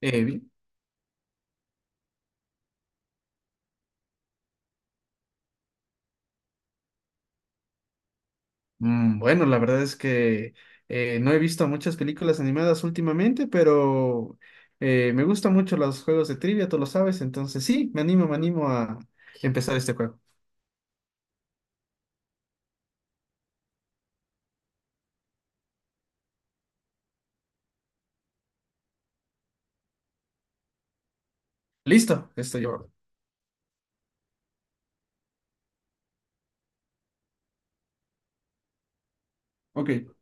Eh, vi- bueno, la verdad es que no he visto muchas películas animadas últimamente, pero me gustan mucho los juegos de trivia, tú lo sabes, entonces sí, me animo a empezar este juego. Listo, estoy yo. Ok.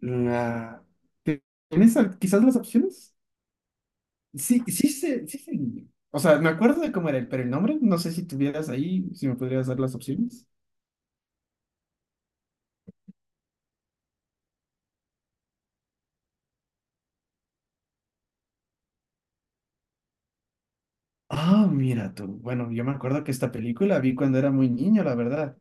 La... ¿Tienes quizás las opciones? Sí, sí, sí, sé. O sea, me acuerdo de cómo era, pero el nombre, no sé si tuvieras ahí, si me podrías dar las opciones. Ah, mira tú. Bueno, yo me acuerdo que esta película vi cuando era muy niño, la verdad.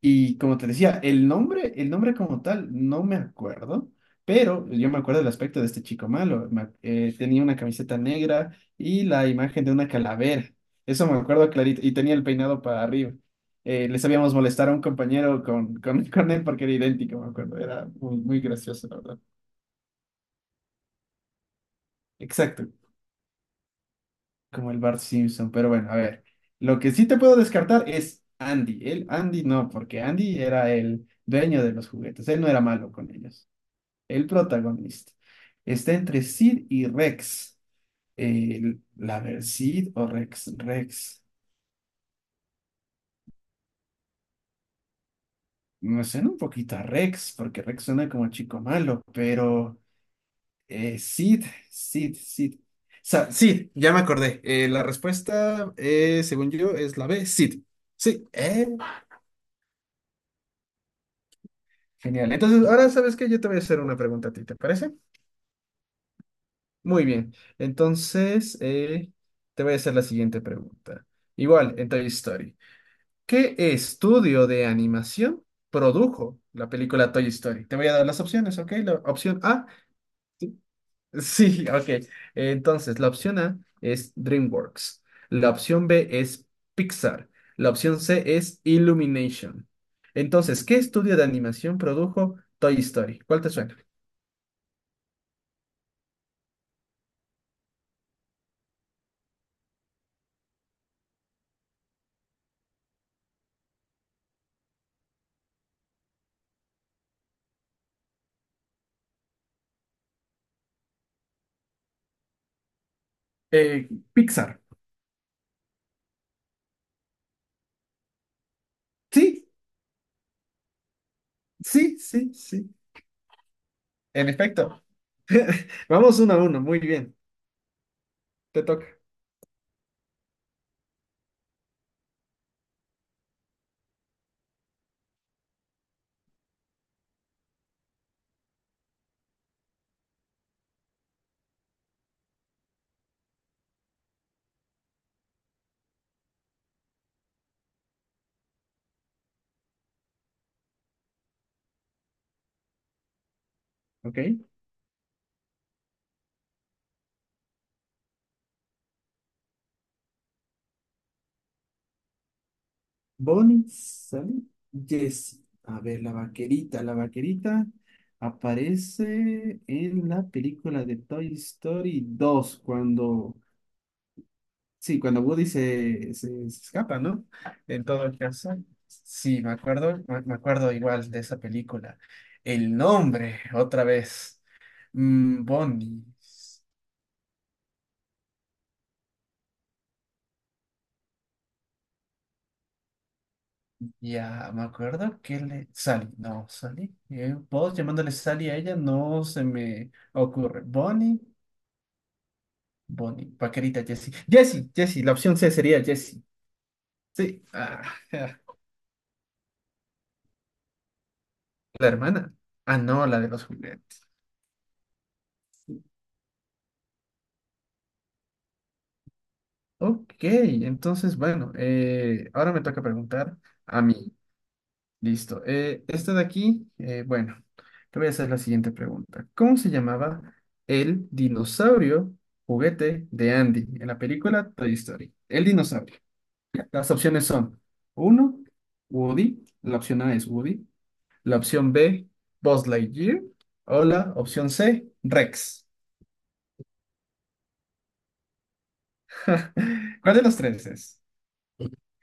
Y como te decía, el nombre como tal, no me acuerdo, pero yo me acuerdo del aspecto de este chico malo. Tenía una camiseta negra y la imagen de una calavera. Eso me acuerdo clarito. Y tenía el peinado para arriba. Le sabíamos molestar a un compañero con él porque era idéntico, me acuerdo. Era muy, muy gracioso, la verdad. Exacto. Como el Bart Simpson, pero bueno, a ver. Lo que sí te puedo descartar es Andy. El Andy no, porque Andy era el dueño de los juguetes. Él no era malo con ellos. El protagonista. Está entre Sid y Rex. Sid o Rex. Rex. Me suena un poquito a Rex, porque Rex suena como chico malo, pero eh, Sid, Sid. Sid, ya me acordé. La respuesta, según yo, es la B, Sid. Sí. Genial. Entonces, ahora sabes que yo te voy a hacer una pregunta a ti, ¿te parece? Muy bien. Entonces, te voy a hacer la siguiente pregunta. Igual, en Toy Story. ¿Qué estudio de animación produjo la película Toy Story? Te voy a dar las opciones, ¿ok? La opción A, sí, ok. Entonces, la opción A es DreamWorks. La opción B es Pixar. La opción C es Illumination. Entonces, ¿qué estudio de animación produjo Toy Story? ¿Cuál te suena? Pixar. Sí, sí, sí, sí. En efecto. Vamos uno a uno, muy bien. Te toca. ¿Ok? Bonnie, Sally, Jessie. A ver, la vaquerita. La vaquerita aparece en la película de Toy Story dos cuando, sí, cuando Woody se escapa, ¿no? En todo caso, sí, me acuerdo igual de esa película. El nombre, otra vez, Bonnie. Ya, me acuerdo que Sally, no, Sally. Vos llamándole Sally a ella no se me ocurre. Bonnie, Bonnie, paquerita Jessie. Jessie, Jessie, la opción C sería Jessie. Sí, ah, la hermana. Ah, no, la de los juguetes. Ok, entonces, bueno, ahora me toca preguntar a mí. Listo. Esta de aquí, bueno, te voy a hacer la siguiente pregunta. ¿Cómo se llamaba el dinosaurio juguete de Andy en la película Toy Story? El dinosaurio. Las opciones son uno, Woody. La opción A es Woody. La opción B, Buzz Lightyear. O la opción C, Rex. ¿Cuál de los tres es?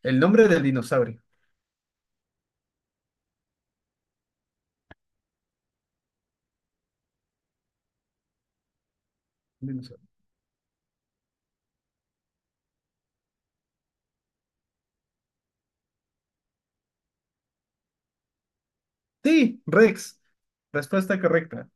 El nombre del dinosaurio. Dinosaurio. Sí, Rex. Respuesta correcta.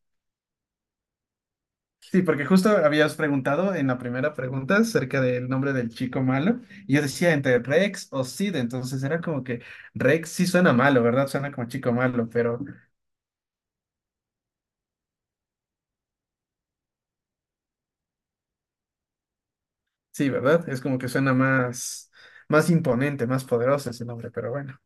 Sí, porque justo habías preguntado en la primera pregunta acerca del nombre del chico malo, y yo decía entre Rex o Sid, entonces era como que Rex sí suena malo, ¿verdad? Suena como chico malo, pero sí, ¿verdad? Es como que suena más, más imponente, más poderoso ese nombre, pero bueno.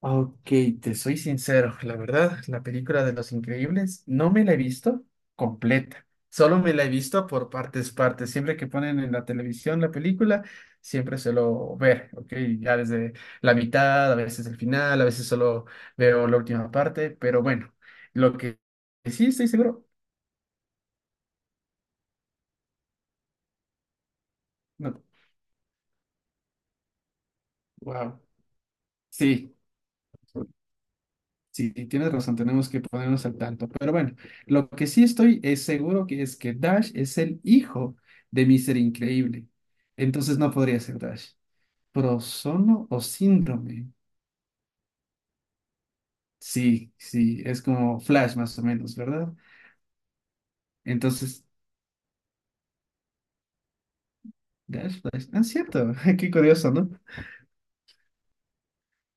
Ok, te soy sincero, la verdad, la película de Los Increíbles no me la he visto completa, solo me la he visto por partes, partes. Siempre que ponen en la televisión la película, siempre suelo ver, ok, ya desde la mitad, a veces el final, a veces solo veo la última parte, pero bueno, lo que sí estoy seguro, no, wow, sí. Sí, tienes razón, tenemos que ponernos al tanto. Pero bueno, lo que sí estoy es seguro que es que Dash es el hijo de Mister Increíble. Entonces no podría ser Dash. Prosono o síndrome. Sí, sí, es como Flash más o menos, ¿verdad? Entonces, Dash, Flash. Ah, cierto, qué curioso, ¿no?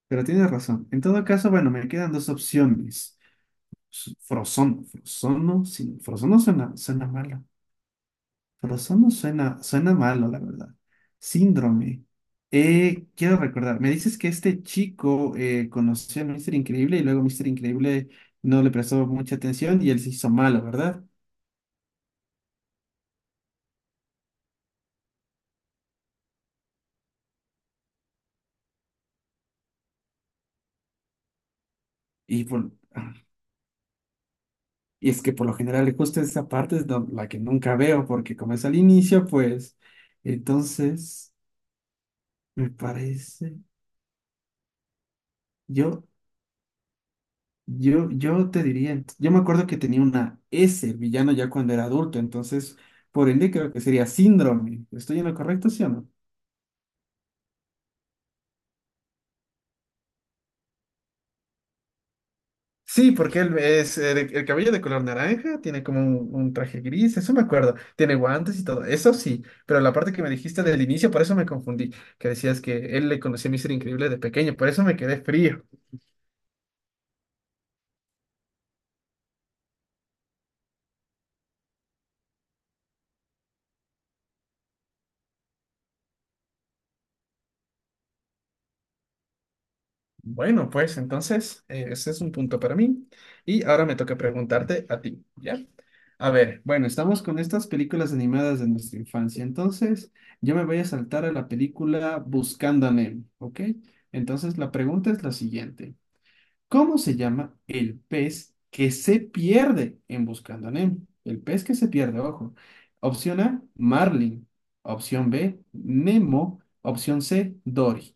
Pero tienes razón. En todo caso, bueno, me quedan dos opciones. Frozono, sí, Frozono suena malo. Pero no suena malo, la verdad. Síndrome. Quiero recordar, me dices que este chico conoció a Mister Increíble y luego Mister Increíble no le prestó mucha atención y él se hizo malo, ¿verdad? Y, por- ah, y es que por lo general justo esa parte es la que nunca veo porque como es al inicio, pues entonces me parece, yo yo te diría, yo me acuerdo que tenía una S, el villano, ya cuando era adulto, entonces, por ende, creo que sería síndrome. ¿Estoy en lo correcto, sí o no? Sí, porque él es el cabello de color naranja, tiene como un traje gris, eso me acuerdo, tiene guantes y todo, eso sí, pero la parte que me dijiste del inicio, por eso me confundí, que decías que él le conocía a Mister Increíble de pequeño, por eso me quedé frío. Bueno, pues entonces ese es un punto para mí. Y ahora me toca preguntarte a ti, ¿ya? A ver, bueno, estamos con estas películas animadas de nuestra infancia. Entonces, yo me voy a saltar a la película Buscando a Nemo, ¿ok? Entonces, la pregunta es la siguiente. ¿Cómo se llama el pez que se pierde en Buscando a Nemo? El pez que se pierde, ojo. Opción A, Marlin. Opción B, Nemo. Opción C, Dory.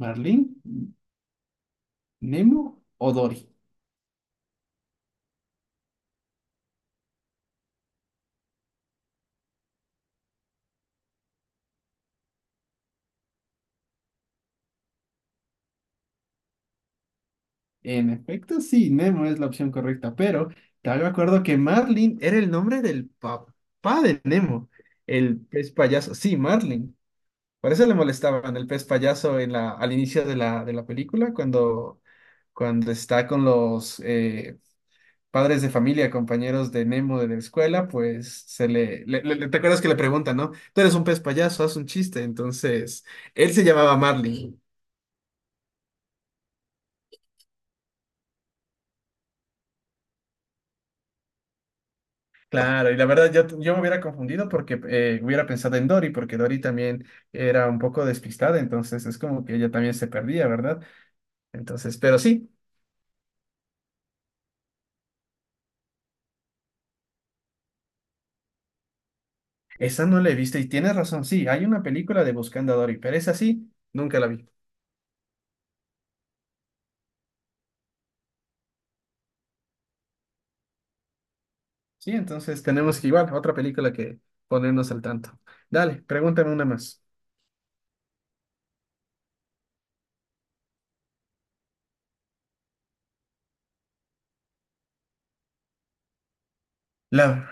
Marlin, Nemo o Dory. En efecto, sí, Nemo es la opción correcta, pero también me acuerdo que Marlin era el nombre del papá de Nemo, el pez payaso. Sí, Marlin. Por eso le molestaban el pez payaso en al inicio de la película, cuando está con los padres de familia, compañeros de Nemo de la escuela, pues se le, le- le- ¿te acuerdas que le preguntan, no? Tú eres un pez payaso, haz un chiste. Entonces, él se llamaba Marlin. Claro, y la verdad yo me hubiera confundido porque hubiera pensado en Dory, porque Dory también era un poco despistada, entonces es como que ella también se perdía, ¿verdad? Entonces, pero sí, esa no la he visto y tienes razón, sí, hay una película de Buscando a Dory, pero esa sí, nunca la vi. Sí, entonces tenemos que igual, otra película que ponernos al tanto. Dale, pregúntame una más. La...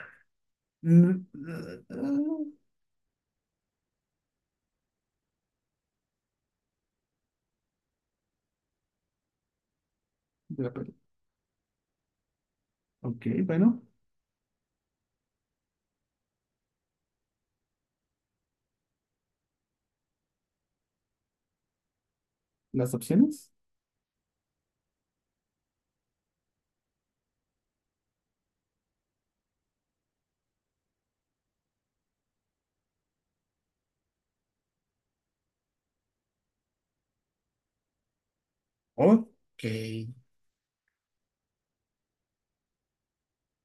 Mm, mm, de la peli- Ok, bueno, las opciones. Ok,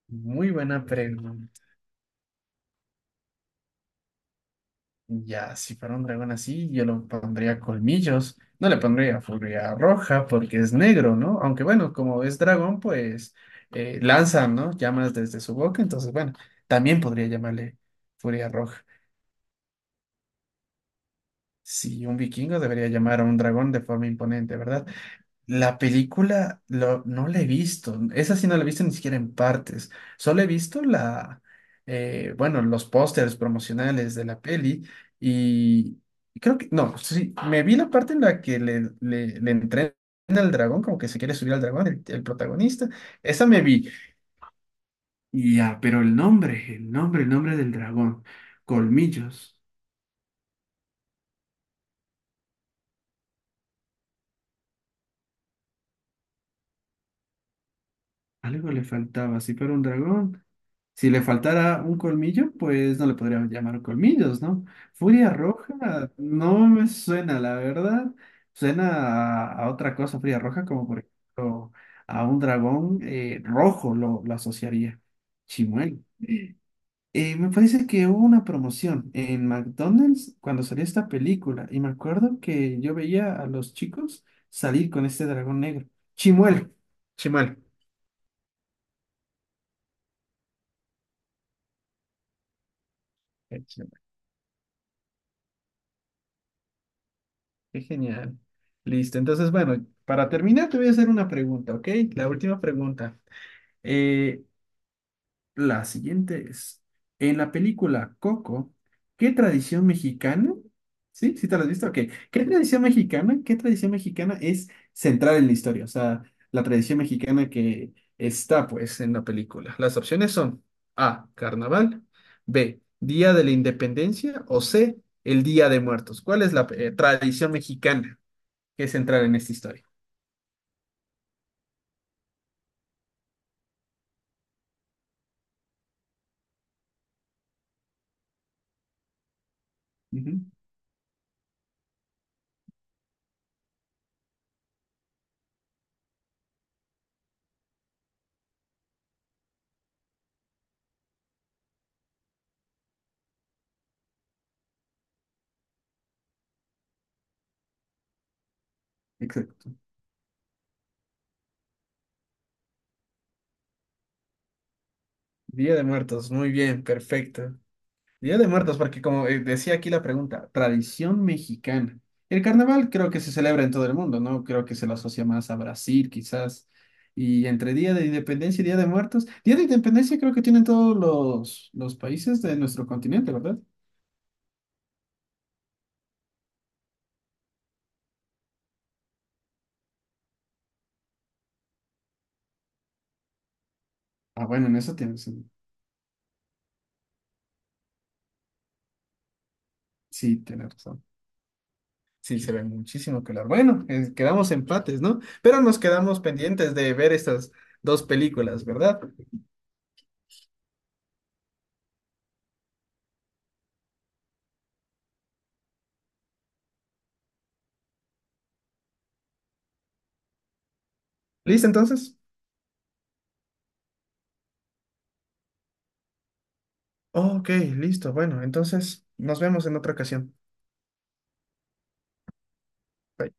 muy buena pregunta. Ya, si fuera un dragón así, yo lo pondría colmillos. No le pondría furia roja porque es negro, ¿no? Aunque bueno, como es dragón, pues lanza, ¿no? Llamas desde su boca, entonces bueno, también podría llamarle furia roja. Si un vikingo debería llamar a un dragón de forma imponente, ¿verdad? La película no la he visto. Esa sí no la he visto ni siquiera en partes. Solo he visto bueno, los pósters promocionales de la peli y creo que, no, sí, me vi la parte en la que le entrena al dragón, como que se quiere subir al dragón, el protagonista. Esa me vi. Ya, pero el nombre del dragón. Colmillos. Algo le faltaba. Si fuera un dragón. Si le faltara un colmillo, pues no le podríamos llamar colmillos, ¿no? Furia Roja no me suena, la verdad. Suena a otra cosa, Furia Roja, como por ejemplo a un dragón rojo lo asociaría. Chimuelo. Me parece que hubo una promoción en McDonald's cuando salió esta película y me acuerdo que yo veía a los chicos salir con este dragón negro. Chimuelo. Chimuelo. Qué genial. Listo. Entonces, bueno, para terminar, te voy a hacer una pregunta, ¿ok? La última pregunta. Eh, la siguiente es, en la película Coco, ¿qué tradición mexicana? ¿Sí? ¿Sí te la has visto? Ok. ¿Qué tradición mexicana? ¿Qué tradición mexicana es central en la historia? O sea, la tradición mexicana que está, pues, en la película. Las opciones son A, carnaval, B, Día de la Independencia o C, el Día de Muertos. ¿Cuál es la tradición mexicana que es central en esta historia? Ujú, exacto. Día de Muertos, muy bien, perfecto. Día de Muertos, porque como decía aquí la pregunta, tradición mexicana. El carnaval creo que se celebra en todo el mundo, ¿no? Creo que se lo asocia más a Brasil, quizás. Y entre Día de Independencia y Día de Muertos, Día de Independencia creo que tienen todos los países de nuestro continente, ¿verdad? Ah, bueno, en eso tienes, sí, tienes razón. Sí, se ve muchísimo color. Bueno, quedamos empates, ¿no? Pero nos quedamos pendientes de ver estas dos películas, ¿verdad? ¿Listo entonces? Ok, listo. Bueno, entonces nos vemos en otra ocasión. Bye.